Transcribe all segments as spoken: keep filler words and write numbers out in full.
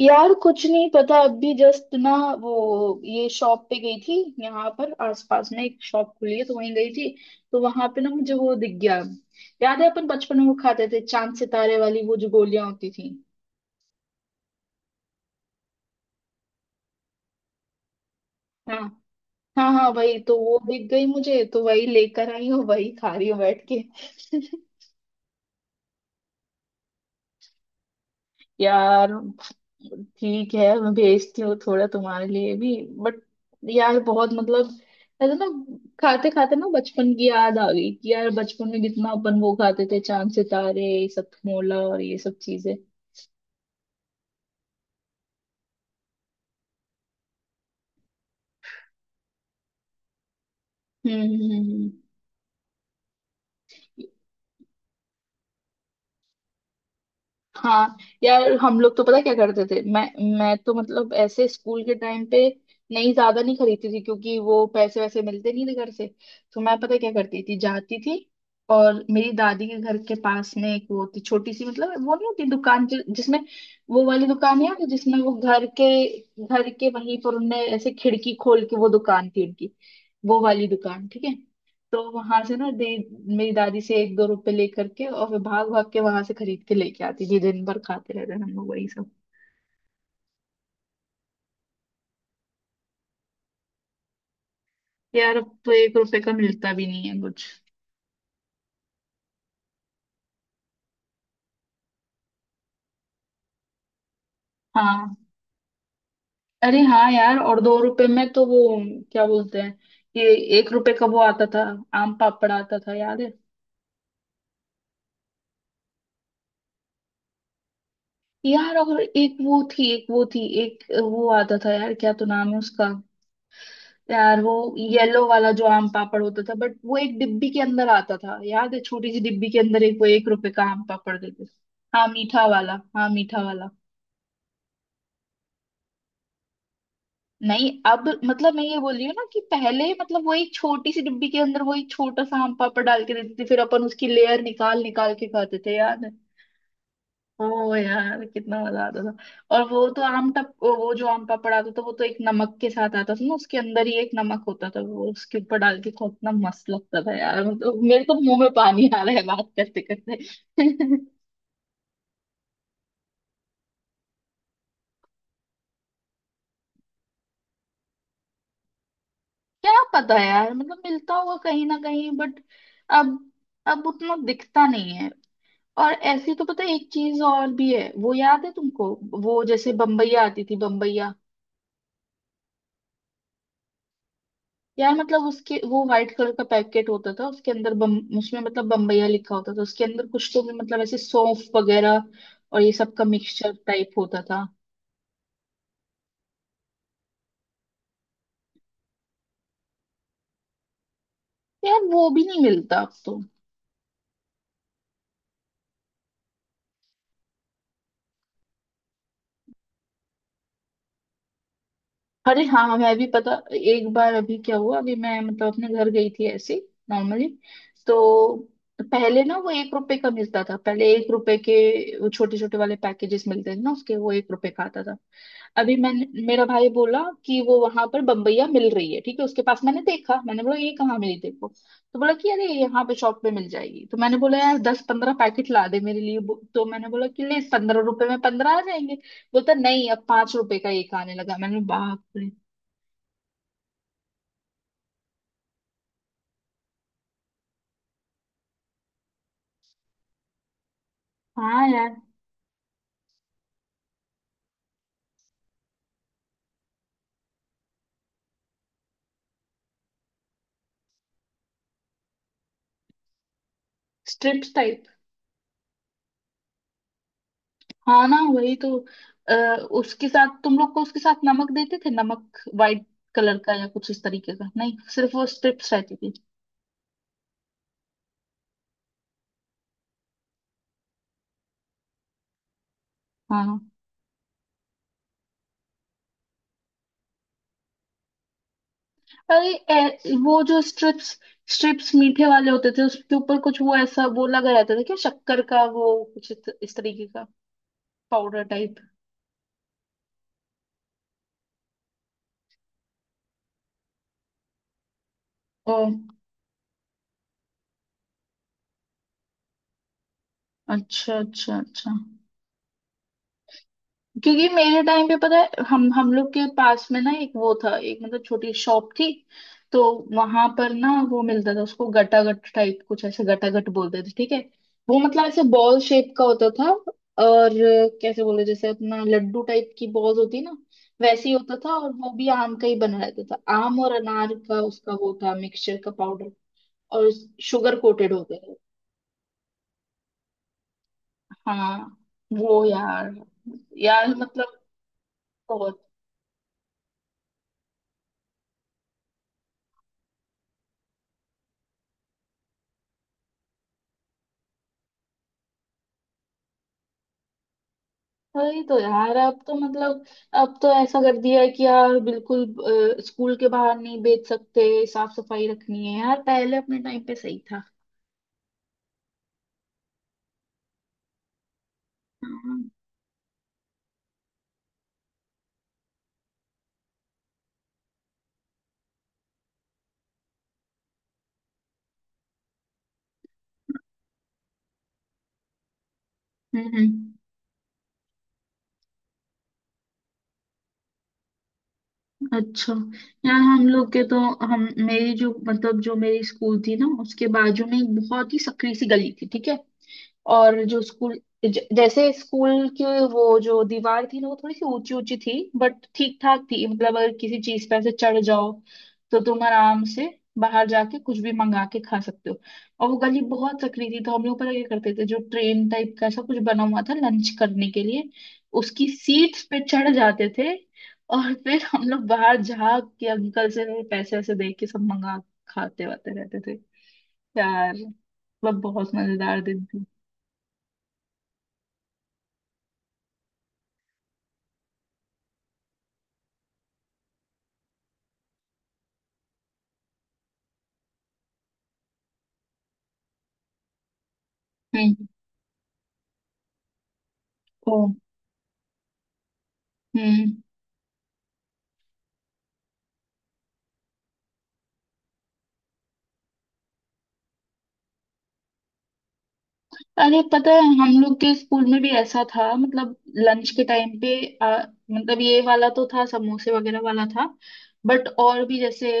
यार कुछ नहीं पता अभी जस्ट ना, वो, ये शॉप पे गई थी। यहाँ पर आसपास में एक शॉप खुली है तो वहीं गई थी। तो वहां पे ना मुझे वो दिख गया। याद है अपन बचपन में वो खाते थे, चांद सितारे वाली वो जो गोलियां होती थी। हाँ। हाँ हाँ, वही तो, वो दिख गई मुझे, तो वही लेकर आई हूँ, वही खा रही हूँ बैठ के। यार, ठीक है, मैं भेजती हूँ थोड़ा तुम्हारे लिए भी। बट यार बहुत मतलब, ऐसा ना, खाते खाते ना बचपन की याद आ गई कि यार बचपन में कितना अपन वो खाते थे, चांद सितारे, ये सब मोला और ये सब चीजें। हम्म हम्म। हम्म। हाँ यार हम लोग तो पता क्या करते थे। मैं मैं तो मतलब ऐसे स्कूल के टाइम पे नहीं ज्यादा नहीं खरीदती थी, क्योंकि वो पैसे वैसे मिलते नहीं थे घर से। तो मैं पता क्या करती थी, जाती थी और मेरी दादी के घर के पास में एक वो थी छोटी सी, मतलब वो नहीं होती दुकान जि, जिसमें, वो वाली दुकान है ना, जिसमें वो घर के, घर के वहीं पर उनने ऐसे खिड़की खोल के वो दुकान थी उनकी, वो वाली दुकान, ठीक है। तो वहां से ना, दे, मेरी दादी से एक दो रुपए लेकर के और फिर भाग भाग के वहां से खरीद के लेके आती थी, दिन भर खाते रहते थे हम लोग वही सब। यार अब तो एक रुपए का मिलता भी नहीं है कुछ। हाँ। अरे हाँ यार, और दो रुपए में तो वो, क्या बोलते हैं, ये, एक रुपए का वो आता था, आम पापड़ आता था, याद है। यार और एक वो थी, एक वो थी, एक वो आता था, यार क्या तो नाम है उसका, यार वो येलो वाला जो आम पापड़ होता था, बट वो एक डिब्बी के अंदर आता था, याद है, छोटी सी डिब्बी के अंदर एक वो, एक रुपए का आम पापड़ देते थे। हाँ मीठा वाला, हाँ मीठा वाला। नहीं, अब मतलब मैं ये बोल रही हूँ ना, कि पहले मतलब वो एक छोटी सी डिब्बी के अंदर वो एक छोटा सा आम पापड़ डाल के देते थे, फिर अपन उसकी लेयर निकाल निकाल के खाते थे यार। ओ यार कितना मजा आता था, और वो तो आम टप, वो जो आम पापड़ आता था वो तो एक नमक के साथ आता था ना, उसके अंदर ही एक नमक होता था, वो उसके ऊपर डाल के खाओ, इतना मस्त लगता था यार, मतलब मेरे तो मुंह में पानी आ रहा है बात करते करते। क्या पता यार, मतलब मिलता होगा कहीं ना कहीं, बट अब अब उतना दिखता नहीं है। और ऐसी तो पता है, एक चीज और भी है, वो याद है तुमको, वो जैसे बम्बैया आती थी, बम्बैया। यार मतलब उसके वो व्हाइट कलर का पैकेट होता था, उसके अंदर बम, उसमें मतलब बम्बैया लिखा होता था, उसके अंदर कुछ तो भी मतलब ऐसे सौंफ वगैरह और ये सब का मिक्सचर टाइप होता था। यार वो भी नहीं मिलता अब तो। अरे हाँ, मैं भी, पता, एक बार अभी क्या हुआ, अभी मैं मतलब अपने घर गई थी ऐसे नॉर्मली। तो पहले ना वो एक रुपए का मिलता था, पहले एक रुपए के वो छोटे छोटे वाले पैकेजेस मिलते थे ना, उसके, वो एक रुपए का आता था। अभी मैंने, मेरा भाई बोला कि वो वहां पर बम्बैया मिल रही है, ठीक है, उसके पास मैंने देखा, मैंने बोला ये कहाँ मिली देखो, तो बोला कि अरे यहाँ पे शॉप पे मिल जाएगी, तो मैंने बोला यार दस पंद्रह पैकेट ला दे मेरे लिए, बो- तो मैंने बोला कि ले, पंद्रह रुपए में पंद्रह आ जाएंगे। बोलता नहीं, अब पांच रुपए का एक आने लगा, मैंने बोला, बाप रे। हाँ यार। Strips type. हाँ ना वही तो, अ, उसके साथ तुम लोग को, उसके साथ नमक देते थे, नमक वाइट कलर का या कुछ इस तरीके का, नहीं सिर्फ वो स्ट्रिप्स रहती थी। हाँ हाँ।" अरे ए, वो जो स्ट्रिप्स, स्ट्रिप्स मीठे वाले होते थे, उसके ऊपर कुछ वो ऐसा वो लगा रहता था, क्या, शक्कर का वो कुछ इस इस तरीके का, पाउडर टाइप। ओ, अच्छा अच्छा अच्छा। क्योंकि मेरे टाइम पे पता है, हम हम लोग के पास में ना एक वो था, एक मतलब छोटी शॉप थी, तो वहां पर ना वो मिलता था, उसको गटागट टाइप कुछ ऐसे, गटागट बोलते थे, ठीक है, वो मतलब ऐसे बॉल शेप का होता था, और कैसे बोले, जैसे अपना लड्डू टाइप की बॉल होती ना, वैसे ही होता था, और वो भी आम का ही बना रहता था, आम और अनार का, उसका वो था मिक्सचर का पाउडर, और शुगर कोटेड होते थे। हाँ। वो यार, यार मतलब बहुत। वही तो यार अब तो मतलब, अब तो ऐसा कर दिया है कि यार बिल्कुल, अ, स्कूल के बाहर नहीं बेच सकते, साफ सफाई रखनी है, यार पहले अपने टाइम पे सही था। हाँ। हम्म। अच्छा। यार हम लोग के तो, हम, मेरी जो मतलब जो मेरी स्कूल थी ना, उसके बाजू में एक बहुत ही संकरी सी गली थी, ठीक है, और जो स्कूल, ज- जैसे स्कूल की वो जो दीवार थी ना, वो थोड़ी सी ऊंची ऊंची थी, बट ठीक ठाक थी, मतलब अगर किसी चीज पर से चढ़ जाओ तो तुम आराम से बाहर जाके कुछ भी मंगा के खा सकते हो। और वो गली बहुत सकरी थी, तो हम लोग पता क्या करते थे, जो ट्रेन टाइप का ऐसा कुछ बना हुआ था लंच करने के लिए, उसकी सीट्स पे चढ़ जाते थे, और फिर हम लोग बाहर झाग के अंकल से पैसे ऐसे दे के सब मंगा खाते वाते रहते थे। यार मतलब बहुत मजेदार दिन थे। ओ। हम्म। अरे पता है हम लोग के स्कूल में भी ऐसा था, मतलब लंच के टाइम पे, आ, मतलब ये वाला तो था, समोसे वगैरह वाला था, बट और भी जैसे,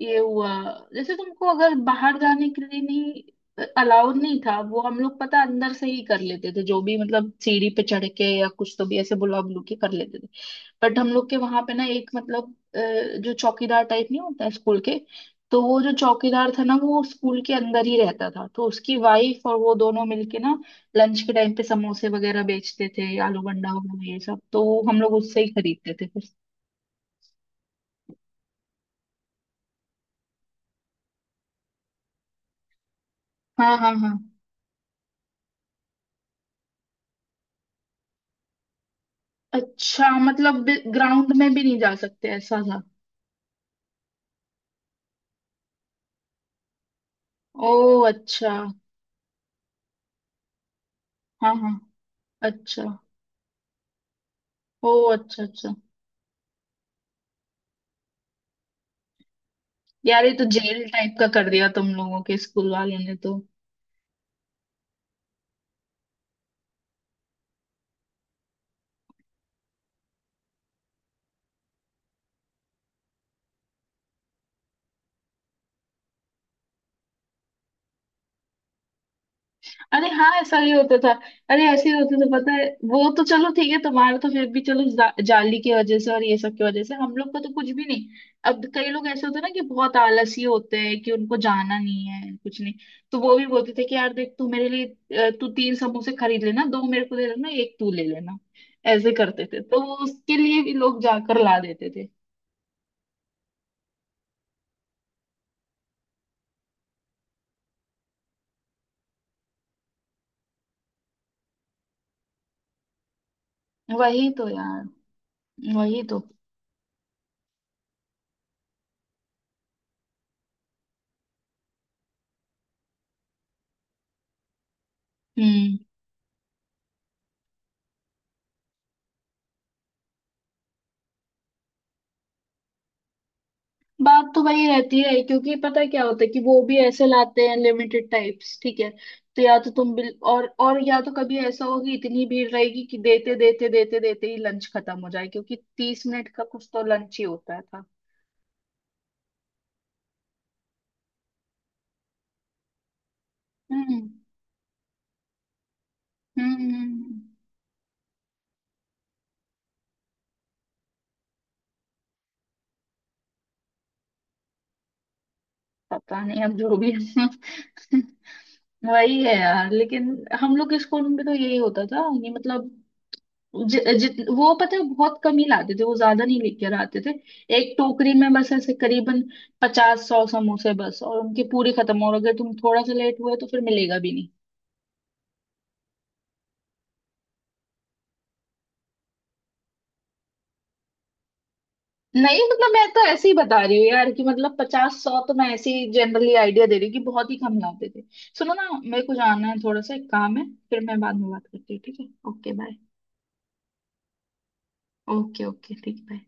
ये हुआ, जैसे तुमको अगर बाहर जाने के लिए नहीं, अलाउड नहीं था, वो हम लोग पता अंदर से ही कर लेते थे, जो भी मतलब सीढ़ी पे चढ़ के या कुछ तो भी ऐसे बुला बुलू के कर लेते थे, बट हम लोग के वहां पे ना एक मतलब, अ, जो चौकीदार टाइप नहीं होता है स्कूल के, तो वो जो चौकीदार था ना वो स्कूल के अंदर ही रहता था, तो उसकी वाइफ और वो दोनों मिलके ना लंच के टाइम पे समोसे वगैरह बेचते थे, आलू बंडा वगैरह ये सब, तो वो हम लोग उससे ही खरीदते थे फिर। हाँ हाँ हाँ। अच्छा मतलब ग्राउंड में भी नहीं जा सकते, ऐसा था। ओ अच्छा। हाँ हाँ, अच्छा। ओ अच्छा अच्छा। यार ये तो जेल टाइप का कर दिया तुम लोगों के स्कूल वालों ने तो। अरे हाँ ऐसा ही होता था। अरे ऐसे ही होता था, पता है, वो तो चलो ठीक है, तुम्हारा तो फिर भी चलो जा, जाली की वजह से और ये सब की वजह से, हम लोग का तो कुछ भी नहीं। अब कई लोग ऐसे होते हैं ना कि बहुत आलसी होते हैं, कि उनको जाना नहीं है कुछ नहीं, तो वो भी बोलते थे कि यार देख तू मेरे लिए, अ, तू तीन समोसे खरीद लेना, दो मेरे को दे देना, एक तू ले लेना, ऐसे करते थे, तो वो उसके लिए भी लोग जाकर ला देते थे। वही तो यार, वही तो। हम्म। बात तो वही रहती है, क्योंकि पता है क्या होता है, कि वो भी ऐसे लाते हैं लिमिटेड टाइप्स, ठीक है, तो या तो तुम बिल, और और या तो कभी ऐसा होगी, इतनी भीड़ रहेगी कि देते देते देते देते ही लंच खत्म हो जाए, क्योंकि तीस मिनट का कुछ तो लंच ही होता था। हम्म हम्म हम्म। पता नहीं, अब जो भी है। वही है यार, लेकिन हम लोग के स्कूल में भी तो यही होता था ये, मतलब जि, जित वो पता है बहुत कम ही लाते थे वो, ज्यादा नहीं लेकर आते थे, एक टोकरी में बस ऐसे करीबन पचास सौ समोसे बस, और उनके पूरे खत्म, और अगर तुम थोड़ा सा लेट हुए तो फिर मिलेगा भी नहीं। नहीं, मतलब मैं तो ऐसे ही बता रही हूँ यार, कि मतलब पचास सौ तो मैं ऐसे ही जनरली आइडिया दे रही हूँ, कि बहुत ही कम लाते थे। सुनो ना, मेरे को जाना है थोड़ा सा, एक काम है, फिर मैं बाद में बात करती हूँ, ठीक है, ओके बाय। ओके ओके, ठीक, बाय।